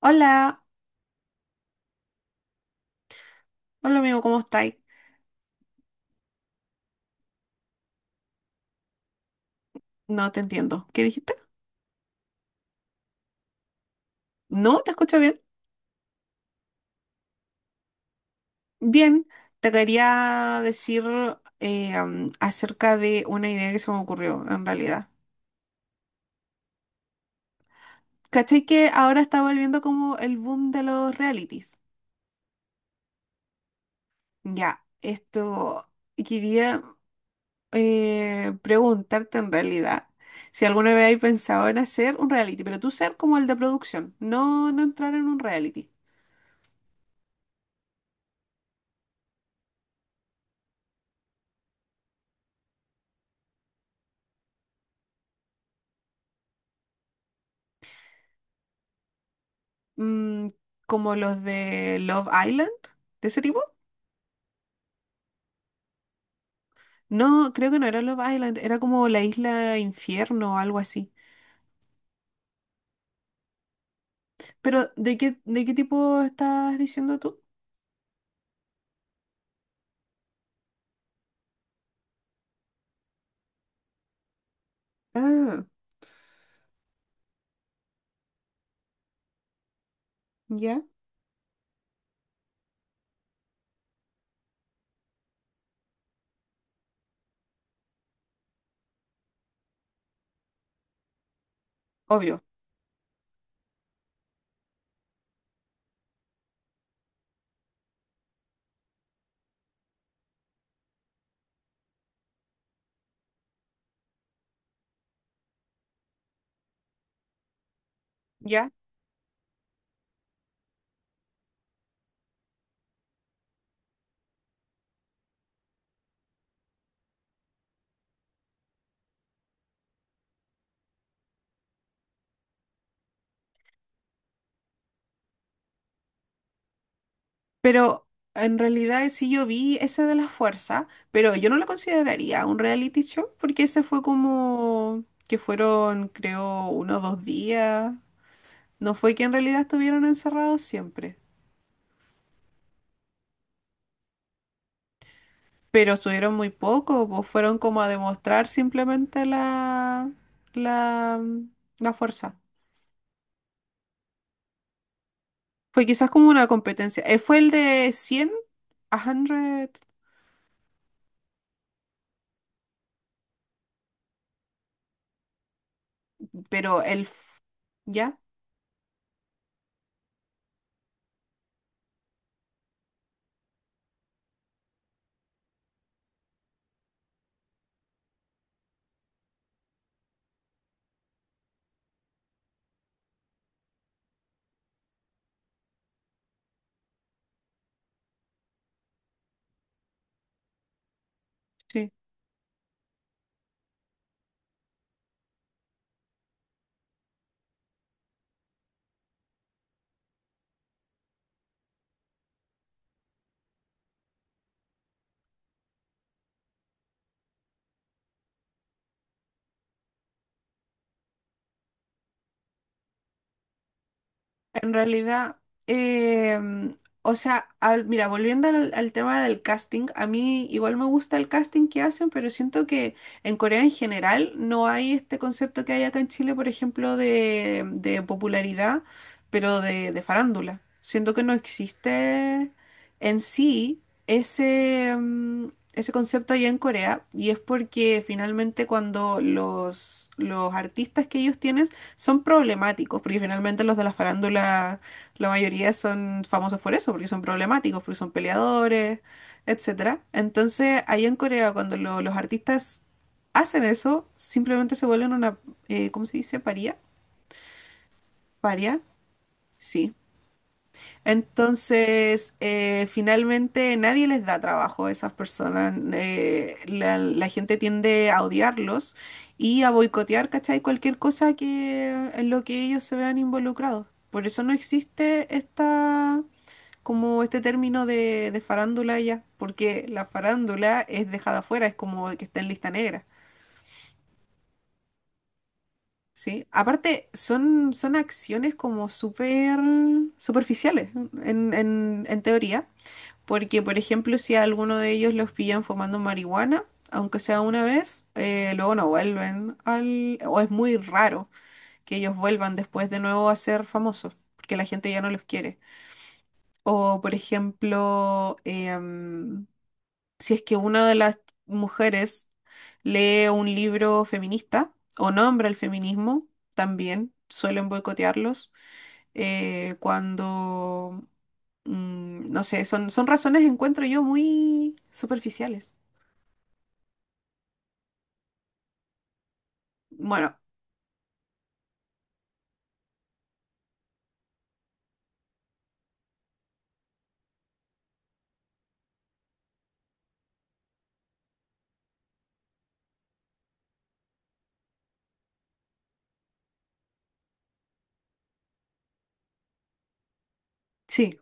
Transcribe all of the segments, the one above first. Hola, hola amigo, ¿cómo estáis? No te entiendo. ¿Qué dijiste? No, te escucho bien. Bien, te quería decir acerca de una idea que se me ocurrió en realidad. ¿Cachai que ahora está volviendo como el boom de los realities? Ya, esto quería preguntarte en realidad si alguna vez hay pensado en hacer un reality, pero tú ser como el de producción, no entrar en un reality. Mm, como los de Love Island, de ese tipo. No, creo que no era Love Island, era como la isla Infierno o algo así. Pero, ¿de qué tipo estás diciendo tú? Ah, ya. Obvio, ¿ya? Pero en realidad sí yo vi ese de la fuerza, pero yo no lo consideraría un reality show porque ese fue como que fueron, creo, uno o dos días. No fue que en realidad estuvieron encerrados siempre, pero estuvieron muy poco, pues fueron como a demostrar simplemente la, la fuerza. Fue quizás como una competencia. Fue el de 100 a 100, pero el... f- ¿Ya? Sí. En realidad, em, o sea, al- mira, volviendo al, al tema del casting, a mí igual me gusta el casting que hacen, pero siento que en Corea en general no hay este concepto que hay acá en Chile, por ejemplo, de popularidad, pero de farándula. Siento que no existe en sí ese, ese concepto allá en Corea, y es porque finalmente cuando los artistas que ellos tienen son problemáticos, porque finalmente los de la farándula, la mayoría son famosos por eso, porque son problemáticos, porque son peleadores, etcétera. Entonces, allá en Corea, cuando los artistas hacen eso, simplemente se vuelven una, ¿cómo se dice? Paría. Paria, sí. Entonces, finalmente nadie les da trabajo a esas personas. La gente tiende a odiarlos y a boicotear, ¿cachai? Cualquier cosa que, en lo que ellos se vean involucrados. Por eso no existe esta, como este término de farándula ya, porque la farándula es dejada afuera, es como que está en lista negra, ¿sí? Aparte, son acciones como súper superficiales en, en teoría. Porque, por ejemplo, si a alguno de ellos los pillan fumando marihuana, aunque sea una vez, luego no vuelven al... o es muy raro que ellos vuelvan después de nuevo a ser famosos, porque la gente ya no los quiere. O, por ejemplo, si es que una de las mujeres lee un libro feminista o nombra el feminismo, también suelen boicotearlos eh, cuando, no sé, son razones, encuentro yo, muy superficiales. Bueno, sí,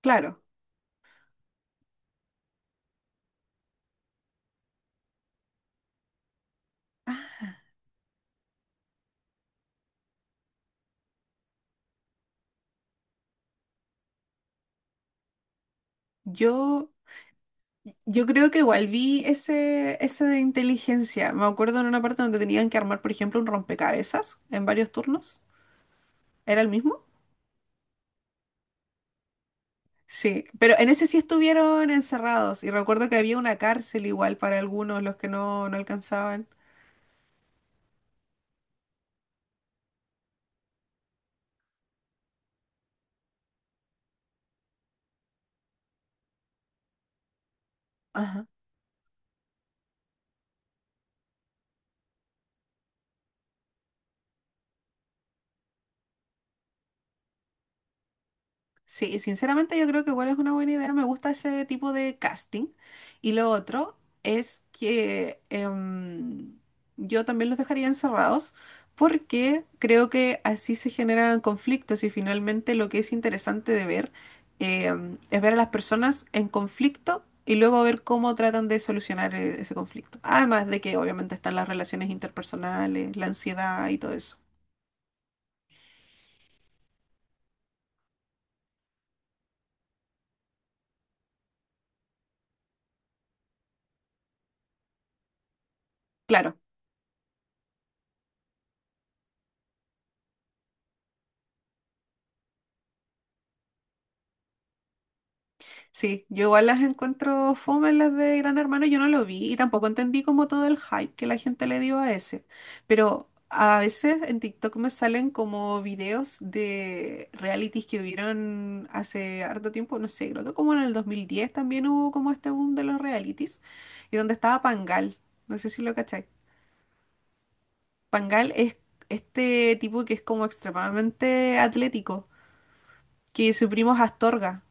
claro. Ah, Yo, yo creo que igual vi ese, ese de inteligencia. Me acuerdo en una parte donde tenían que armar, por ejemplo, un rompecabezas en varios turnos. ¿Era el mismo? Sí, pero en ese sí estuvieron encerrados y recuerdo que había una cárcel igual para algunos, los que no alcanzaban. Sí, sinceramente yo creo que igual es una buena idea, me gusta ese tipo de casting. Y lo otro es que yo también los dejaría encerrados porque creo que así se generan conflictos y finalmente lo que es interesante de ver es ver a las personas en conflicto y luego ver cómo tratan de solucionar ese conflicto. Además de que obviamente están las relaciones interpersonales, la ansiedad y todo eso. Claro. Sí, yo igual las encuentro fome las de Gran Hermano, yo no lo vi y tampoco entendí como todo el hype que la gente le dio a ese. Pero a veces en TikTok me salen como videos de realities que hubieron hace harto tiempo, no sé, creo que como en el 2010 también hubo como este boom de los realities y donde estaba Pangal, no sé si lo cacháis. Pangal es este tipo que es como extremadamente atlético, que su primo es Astorga.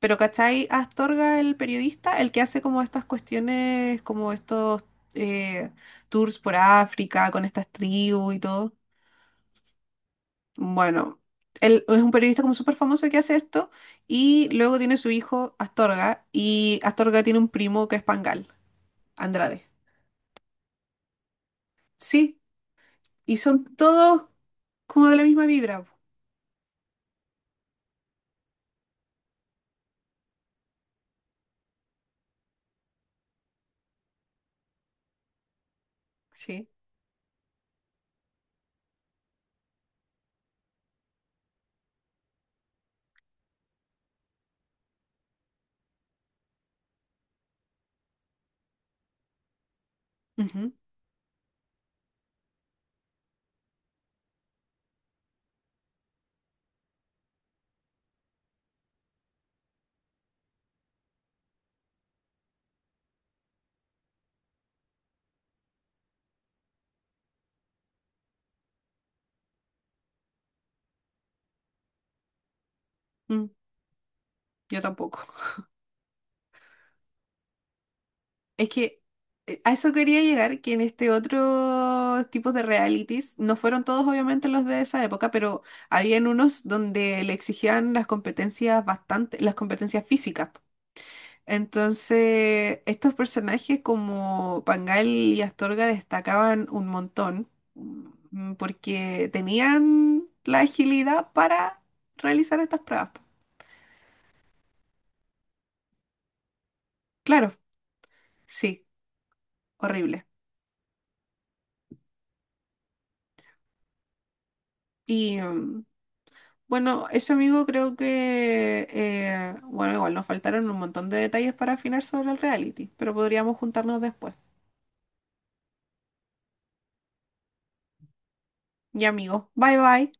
Pero ¿cachai? Astorga, el periodista, el que hace como estas cuestiones, como estos eh, tours por África con estas tribus y todo. Bueno, él es un periodista como súper famoso que hace esto y luego tiene su hijo Astorga y Astorga tiene un primo que es Pangal, Andrade. Sí, y son todos como de la misma vibra. Po. Sí. Ujú, mm, yo tampoco. Es que a eso quería llegar, que en este otro tipo de realities, no fueron todos obviamente los de esa época, pero habían unos donde le exigían las competencias bastante, las competencias físicas. Entonces, estos personajes como Pangal y Astorga destacaban un montón, porque tenían la agilidad para realizar estas pruebas. Claro, sí, horrible. y mm, Bueno, eso amigo creo que, bueno, igual nos faltaron un montón de detalles para afinar sobre el reality, pero podríamos juntarnos después. Ya amigo, bye bye.